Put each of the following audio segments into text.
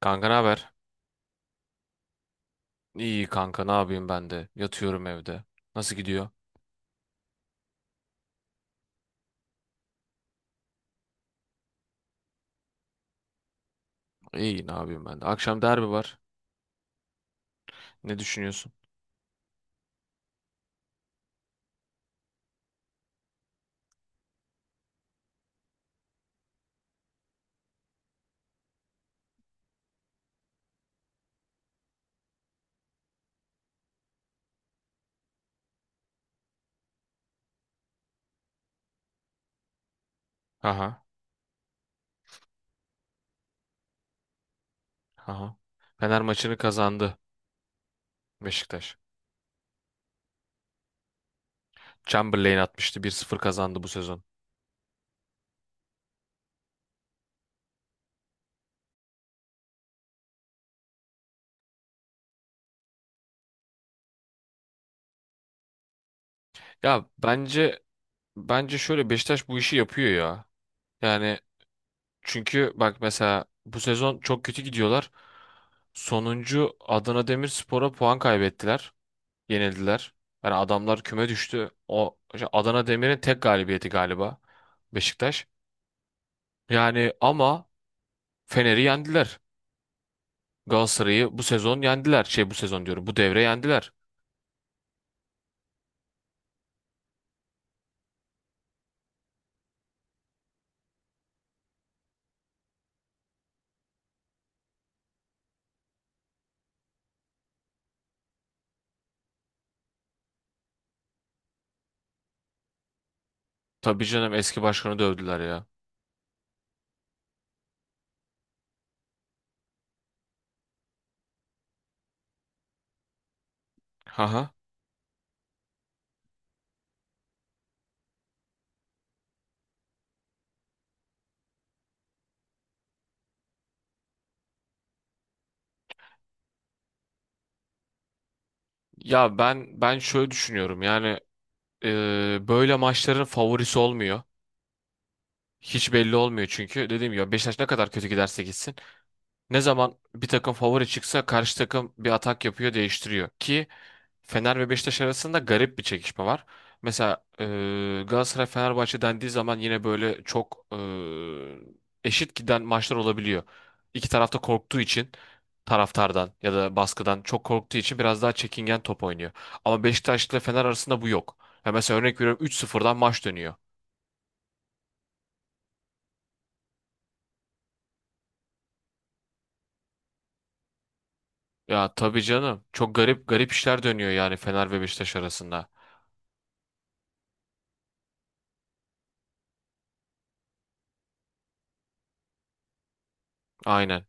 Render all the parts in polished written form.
Kanka ne haber? İyi kanka ne yapayım ben de. Yatıyorum evde. Nasıl gidiyor? İyi ne yapayım ben de. Akşam derbi var. Ne düşünüyorsun? Aha. Aha. Fener maçını kazandı Beşiktaş. Chamberlain atmıştı 1-0 kazandı bu sezon. Ya bence şöyle Beşiktaş bu işi yapıyor ya. Yani çünkü bak mesela bu sezon çok kötü gidiyorlar. Sonuncu Adana Demirspor'a puan kaybettiler. Yenildiler. Yani adamlar küme düştü. O işte Adana Demir'in tek galibiyeti galiba Beşiktaş. Yani ama Fener'i yendiler. Galatasaray'ı bu sezon yendiler. Şey bu sezon diyorum. Bu devre yendiler. Tabii canım eski başkanı dövdüler ya. Haha. Ya ben şöyle düşünüyorum. Yani böyle maçların favorisi olmuyor. Hiç belli olmuyor çünkü dediğim gibi Beşiktaş ne kadar kötü giderse gitsin. Ne zaman bir takım favori çıksa karşı takım bir atak yapıyor değiştiriyor ki Fener ve Beşiktaş arasında garip bir çekişme var. Mesela Galatasaray Fenerbahçe dendiği zaman yine böyle çok eşit giden maçlar olabiliyor. İki tarafta korktuğu için taraftardan ya da baskıdan çok korktuğu için biraz daha çekingen top oynuyor. Ama Beşiktaş ile Fener arasında bu yok. Ya mesela örnek veriyorum 3-0'dan maç dönüyor. Ya tabii canım çok garip garip işler dönüyor yani Fener ve Beşiktaş arasında. Aynen.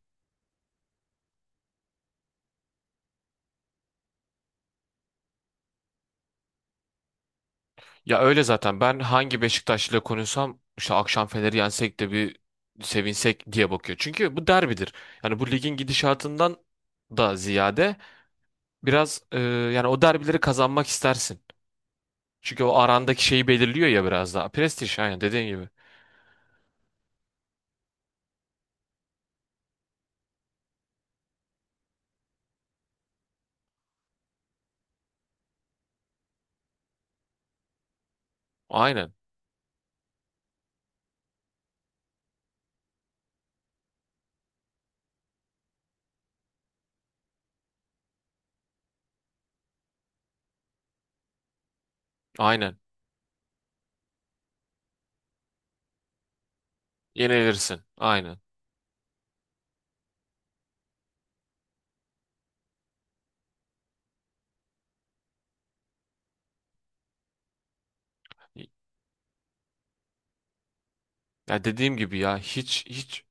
Ya öyle zaten ben hangi Beşiktaşlı'yla konuşsam işte akşam Fener'i yensek de bir sevinsek diye bakıyor. Çünkü bu derbidir. Yani bu ligin gidişatından da ziyade biraz yani o derbileri kazanmak istersin. Çünkü o arandaki şeyi belirliyor ya biraz daha. Prestij aynen dediğin gibi. Aynen. Aynen. Yenilirsin. Aynen. Ya dediğim gibi ya hiç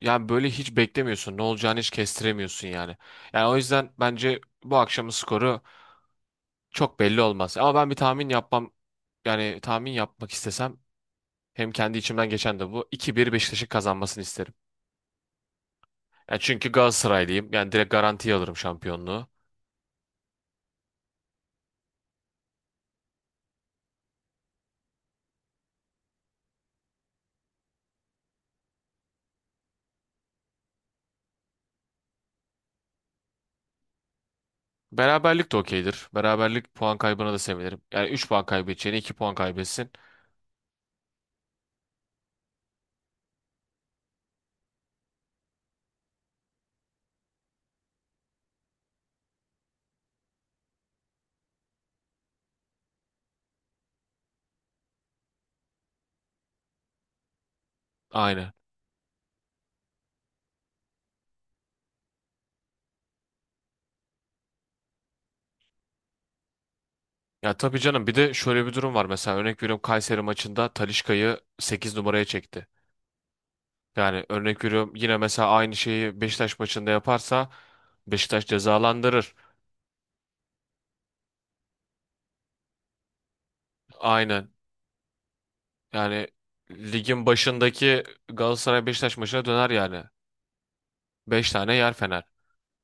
yani böyle hiç beklemiyorsun. Ne olacağını hiç kestiremiyorsun yani. Yani o yüzden bence bu akşamın skoru çok belli olmaz. Ama ben bir tahmin yapmam yani tahmin yapmak istesem hem kendi içimden geçen de bu 2-1 Beşiktaş'ın kazanmasını isterim. Yani çünkü Galatasaraylıyım. Yani direkt garantiye alırım şampiyonluğu. Beraberlik de okeydir. Beraberlik puan kaybına da sevinirim. Yani 3 puan kaybedeceğine 2 puan kaybetsin. Aynen. Ya tabii canım bir de şöyle bir durum var. Mesela örnek veriyorum Kayseri maçında Talisca'yı 8 numaraya çekti. Yani örnek veriyorum yine mesela aynı şeyi Beşiktaş maçında yaparsa Beşiktaş cezalandırır. Aynen. Yani ligin başındaki Galatasaray Beşiktaş maçına döner yani. Beş tane yer Fener.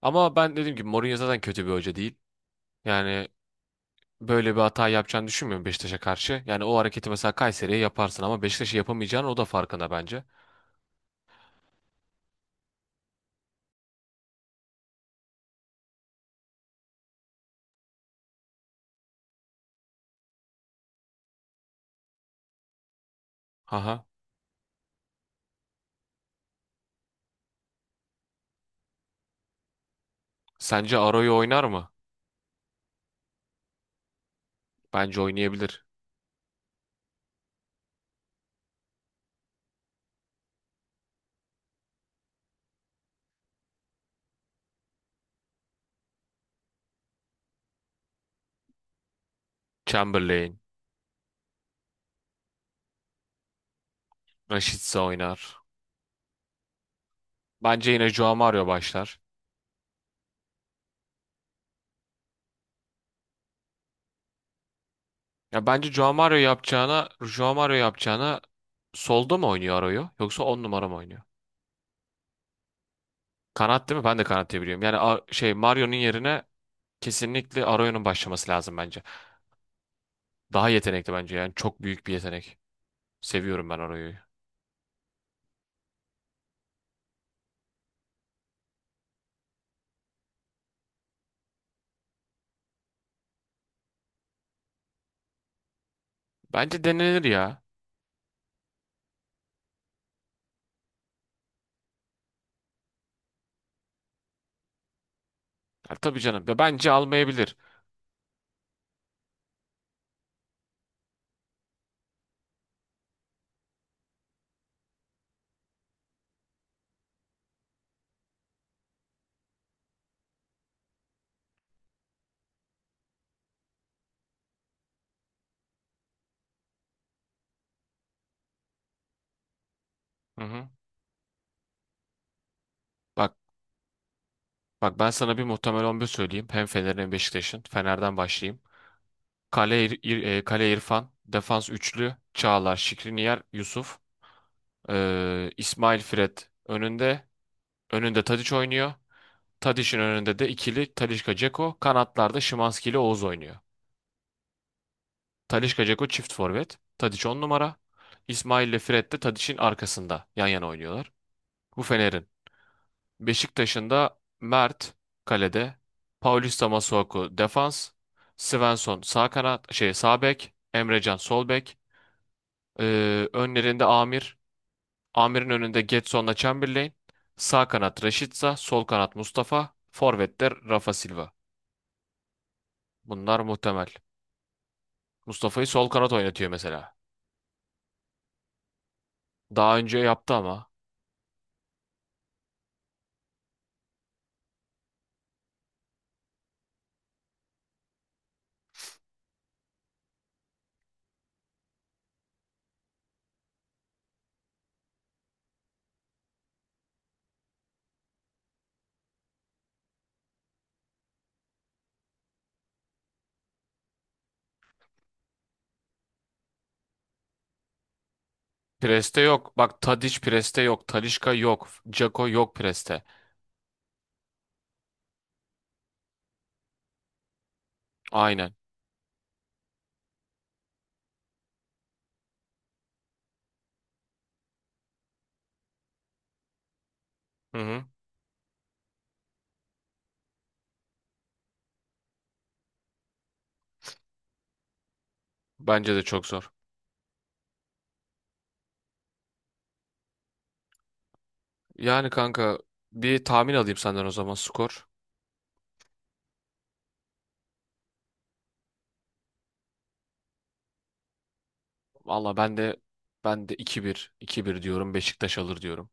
Ama ben dediğim gibi Mourinho zaten kötü bir hoca değil. Yani böyle bir hata yapacağını düşünmüyorum Beşiktaş'a karşı. Yani o hareketi mesela Kayseri'ye yaparsın ama Beşiktaş'a yapamayacağını o da farkında bence. Haha. Sence Aro'yu oynar mı? Bence oynayabilir. Chamberlain, Rashica oynar. Bence yine Joao Mario başlar. Ya bence Joao Mario yapacağına, Joao Mario yapacağına solda mı oynuyor Aro'yu yoksa 10 numara mı oynuyor? Kanat değil mi? Ben de kanat diye biliyorum. Yani şey Mario'nun yerine kesinlikle Arroyo'nun başlaması lazım bence. Daha yetenekli bence yani çok büyük bir yetenek. Seviyorum ben Arroyo'yu. Bence denenir ya. Ya tabii canım. Ya bence almayabilir. Hı hı. Bak bak ben sana bir muhtemel 11 söyleyeyim. Hem Fener'in hem Beşiktaş'ın. Fener'den başlayayım. Kale, Kale İrfan, defans üçlü, Çağlar, Şikriniyar, Yusuf, İsmail Fred önünde. Önünde Tadiç oynuyor. Tadic'in önünde de ikili Talisca Dzeko. Kanatlarda Szymański ile Oğuz oynuyor. Talisca Dzeko çift forvet. Tadic 10 numara. İsmail ile Fred de Tadic'in arkasında yan yana oynuyorlar. Bu Fener'in. Beşiktaş'ın da Mert kalede. Paulista Masuaku defans. Svensson sağ kanat şey sağ bek. Emrecan sol bek. Önlerinde Amir. Amir'in önünde Getson'la Chamberlain. Sağ kanat Rashica, sol kanat Mustafa, forvetler Rafa Silva. Bunlar muhtemel. Mustafa'yı sol kanat oynatıyor mesela. Daha önce yaptı ama. Preste yok. Bak Tadiç preste yok. Talisca yok. Dzeko yok preste. Aynen. Hı hı. Bence de çok zor. Yani kanka bir tahmin alayım senden o zaman skor. Valla ben de 2-1 2-1 diyorum. Beşiktaş alır diyorum.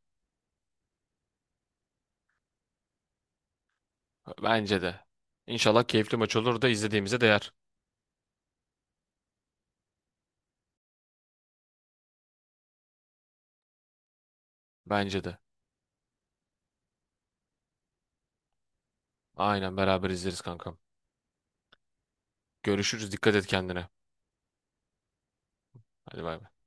Bence de. İnşallah keyifli maç olur da izlediğimize değer. Bence de. Aynen beraber izleriz kankam. Görüşürüz. Dikkat et kendine. Hadi bay bay.